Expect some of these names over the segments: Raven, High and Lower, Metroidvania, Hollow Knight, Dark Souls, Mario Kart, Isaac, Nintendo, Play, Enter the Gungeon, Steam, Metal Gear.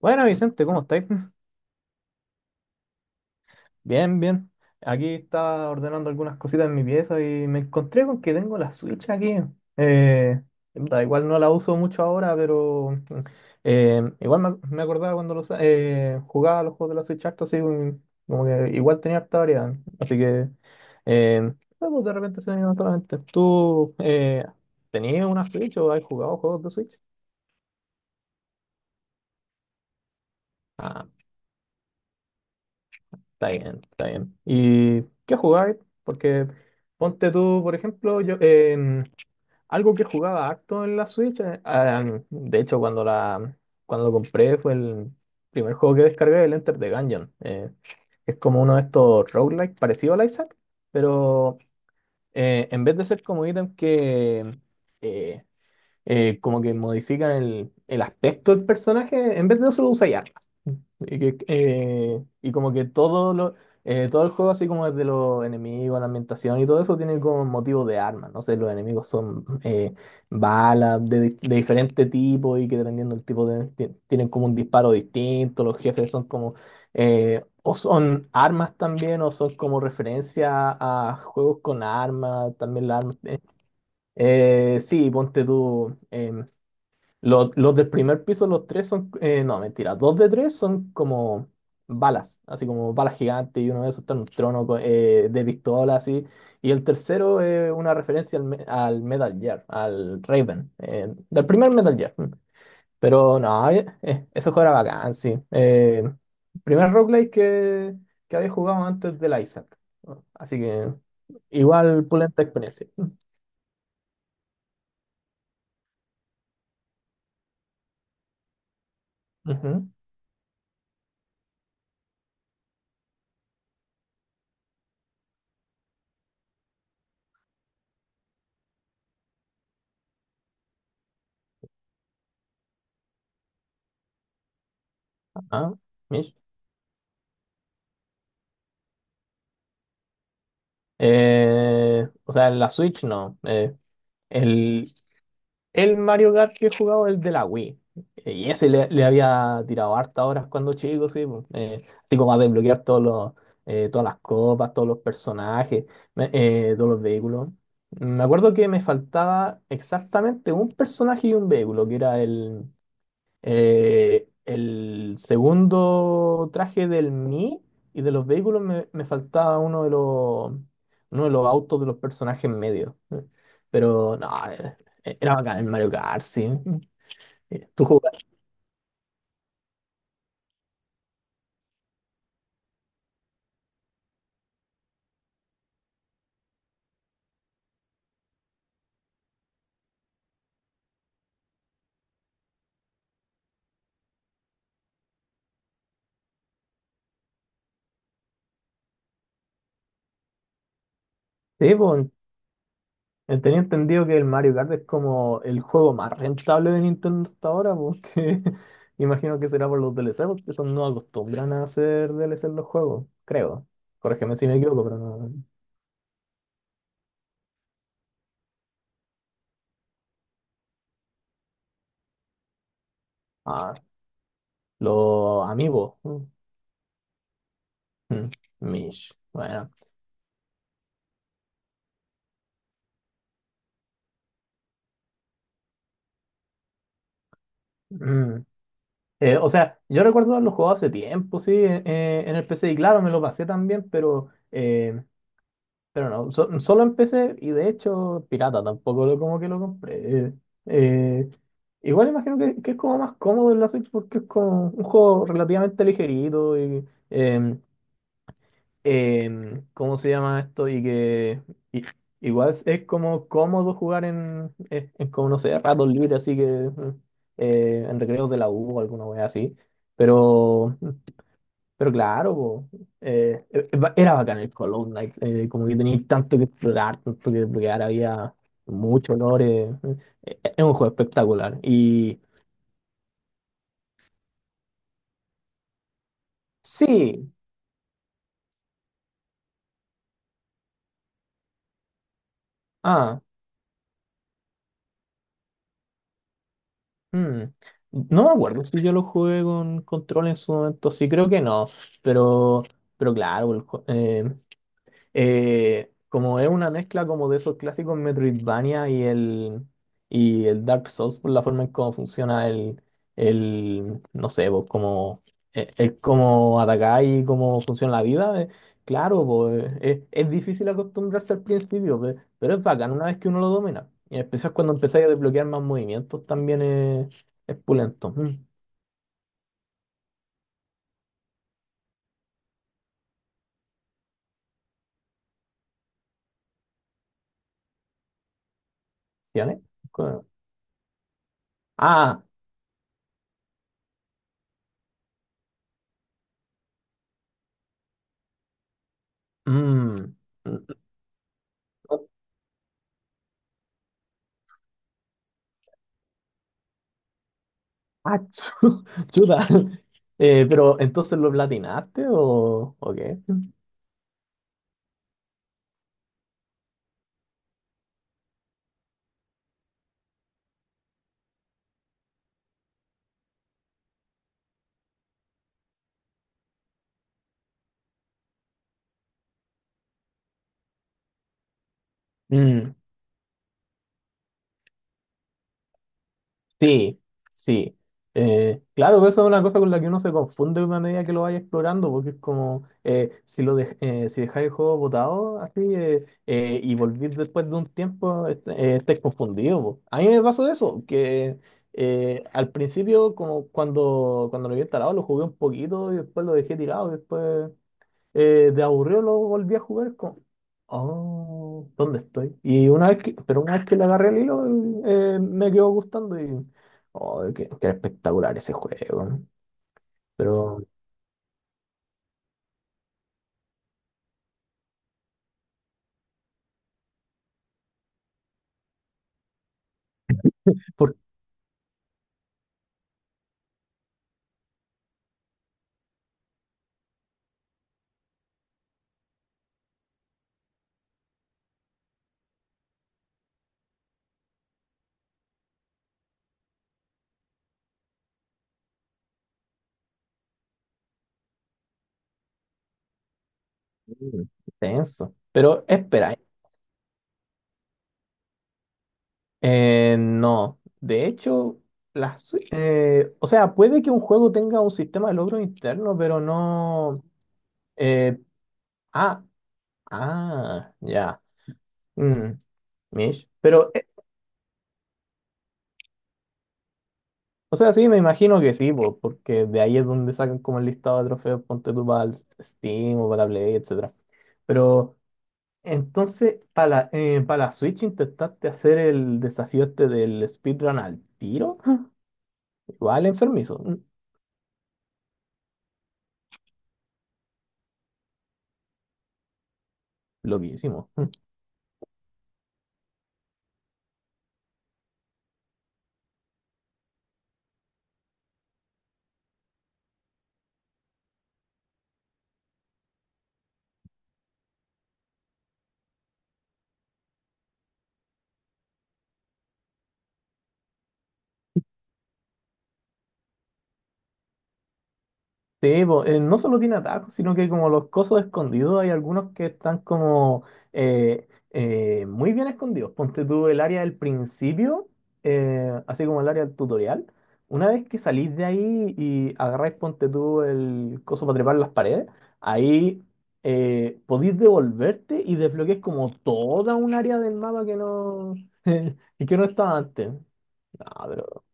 Bueno, Vicente, ¿cómo estáis? Bien, bien. Aquí estaba ordenando algunas cositas en mi pieza y me encontré con que tengo la Switch aquí. Eh, da igual, no la uso mucho ahora, pero igual me acordaba cuando jugaba los juegos de la Switch harto, así como que igual tenía harta variedad. Así que eh, no, pues, de repente se me vino a la mente. ¿Tú tenías una Switch o has jugado juegos de Switch? Está bien, está bien. ¿Y qué jugáis? Porque ponte tú, por ejemplo, algo que jugaba harto en la Switch, de hecho cuando lo compré fue el primer juego que descargué, el Enter the Gungeon. Es como uno de estos roguelike parecido al Isaac, pero en vez de ser como ítem que eh, como que modifican el aspecto del personaje, en vez de eso lo usáis y como que todo el juego, así como desde los enemigos, la ambientación y todo eso, tiene como motivos de armas. No sé, los enemigos son balas de, de diferente tipo y que dependiendo del tipo tienen como un disparo distinto. Los jefes son como o son armas también o son como referencia a juegos con armas, también las armas. Sí, ponte tú. Los del primer piso, los tres son, no, mentira, dos de tres son como balas, así como balas gigantes, y uno de esos está en un trono de pistola, así. Y el tercero es una referencia al, al Metal Gear, al Raven, del primer Metal Gear. Mm. Pero no, ese juego era bacán, sí. Primer roguelike que había jugado antes del Isaac. Así que igual pulenta experiencia. Ujú, ajá, Mish. O sea, en la Switch no. El, el Mario Kart que he jugado es el de la Wii. Y ese le había tirado hartas horas cuando chico, sí. po. Así como a desbloquear todas las copas, todos los personajes, todos los vehículos. Me acuerdo que me faltaba exactamente un personaje y un vehículo, que era el segundo traje del Mii, y de los vehículos me faltaba uno de los autos de los personajes medios. Pero no, era bacán el Mario Kart, sí. ¿Tú jugaste? Sí, pues, tenía entendido que el Mario Kart es como el juego más rentable de Nintendo hasta ahora, porque imagino que será por los DLC, porque son no acostumbran a hacer DLC en los juegos, creo. Corrígeme si me equivoco, pero no. No, no. Ah, los amigos. Mm. Mm, Mish, bueno. Mm. O sea, yo recuerdo haberlo jugado hace tiempo, sí, en el PC, y claro, me lo pasé también, pero no, solo en PC, y de hecho, pirata, tampoco lo, como que lo compré. Eh, Igual imagino que es como más cómodo en la Switch porque es como un juego relativamente ligerito y, eh, ¿cómo se llama esto? Y que i- igual es como cómodo jugar en como no sé, ratos libres, así que en recreos de la U o alguna wea así. Pero, mm, pero claro, po, era bacán el Hollow Knight, como que tenía tanto que explorar, tanto que desbloquear, había muchos olores. Es un juego espectacular. Y sí, ah, hmm, no me acuerdo si yo lo jugué con control en su momento, sí creo que no, pero, pero claro, eh, como es una mezcla como de esos clásicos Metroidvania y el Dark Souls por la forma en cómo funciona el no sé, pues como el cómo atacar y cómo funciona la vida, claro, pues es difícil acostumbrarse al principio, pero es bacán una vez que uno lo domina. Y en especial cuando empezáis a desbloquear más movimientos también es pulento. Mm, ¿sí, Ale? Co- Ah, mm, mm, ah, chuta. Pero entonces, ¿lo platinaste o qué? Mm, sí, sí. Claro, eso es una cosa con la que uno se confunde a medida que lo vaya explorando, porque es como si lo si dejáis el juego botado así y volvís después de un tiempo, estáis confundido. Po. A mí me pasó eso, que al principio, como cuando lo había instalado, lo jugué un poquito y después lo dejé tirado, y después. De aburrido lo volví a jugar con... Oh, ¿dónde estoy? Y una vez que, pero una vez que le agarré el hilo, me quedó gustando y... Oh, qué espectacular ese juego. ¿No? Pero... ¿Por qué? Tenso. Pero espera, no. De hecho, la Switch... O sea, puede que un juego tenga un sistema de logro interno, pero no... eh, ah, ah, ya. Mm, Mish. Pero o sea, sí, me imagino que sí, po, porque de ahí es donde sacan como el listado de trofeos, ponte tú para el Steam o para la Play, etcétera. Pero entonces, para la, pa' la Switch, ¿intentaste hacer el desafío este del speedrun al tiro? Igual enfermizo, mm, loquísimo. Sí, po, no solo tiene atajos, sino que como los cosos escondidos, hay algunos que están como muy bien escondidos. Ponte tú el área del principio, así como el área del tutorial. Una vez que salís de ahí y agarráis, ponte tú el coso para trepar las paredes, ahí podéis devolverte y desbloqueáis como toda un área del mapa que no, que no estaba antes. Ah, pero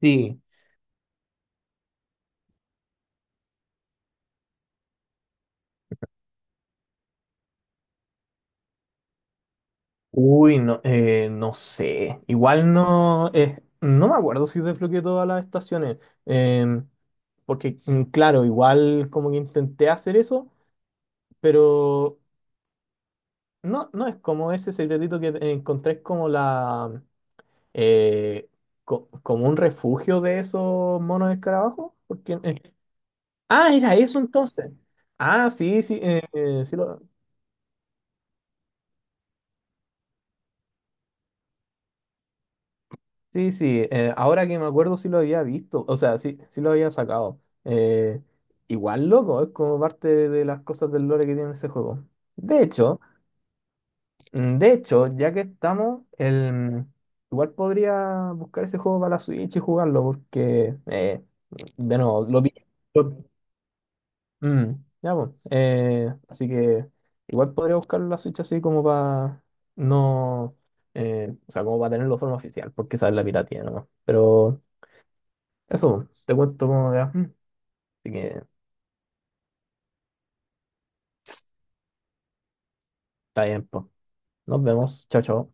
sí, uy, no, no sé. Igual no, no me acuerdo si desbloqueé todas las estaciones. em, Porque, mm, claro, igual como que intenté hacer eso, pero no, no es como ese secretito que encontré, es como la eh, como un refugio de esos monos escarabajos. Porque, era eso entonces. Ah, sí, sí, sí lo, sí, sí, ahora que me acuerdo sí lo había visto, o sea, sí, sí lo había sacado. Igual loco, es como parte de las cosas del lore que tiene ese juego. De hecho, mm, de hecho, ya que estamos, el, igual podría buscar ese juego para la Switch y jugarlo, porque, de nuevo, lo vi. lo- mm, ya, pues, así que igual podría buscar la Switch así como para no, o sea, como para tenerlo de forma oficial, porque esa es la piratía nomás. Pero... Eso, te cuento cómo me va. Así que, está bien, pues. Nos vemos. Chao, chao.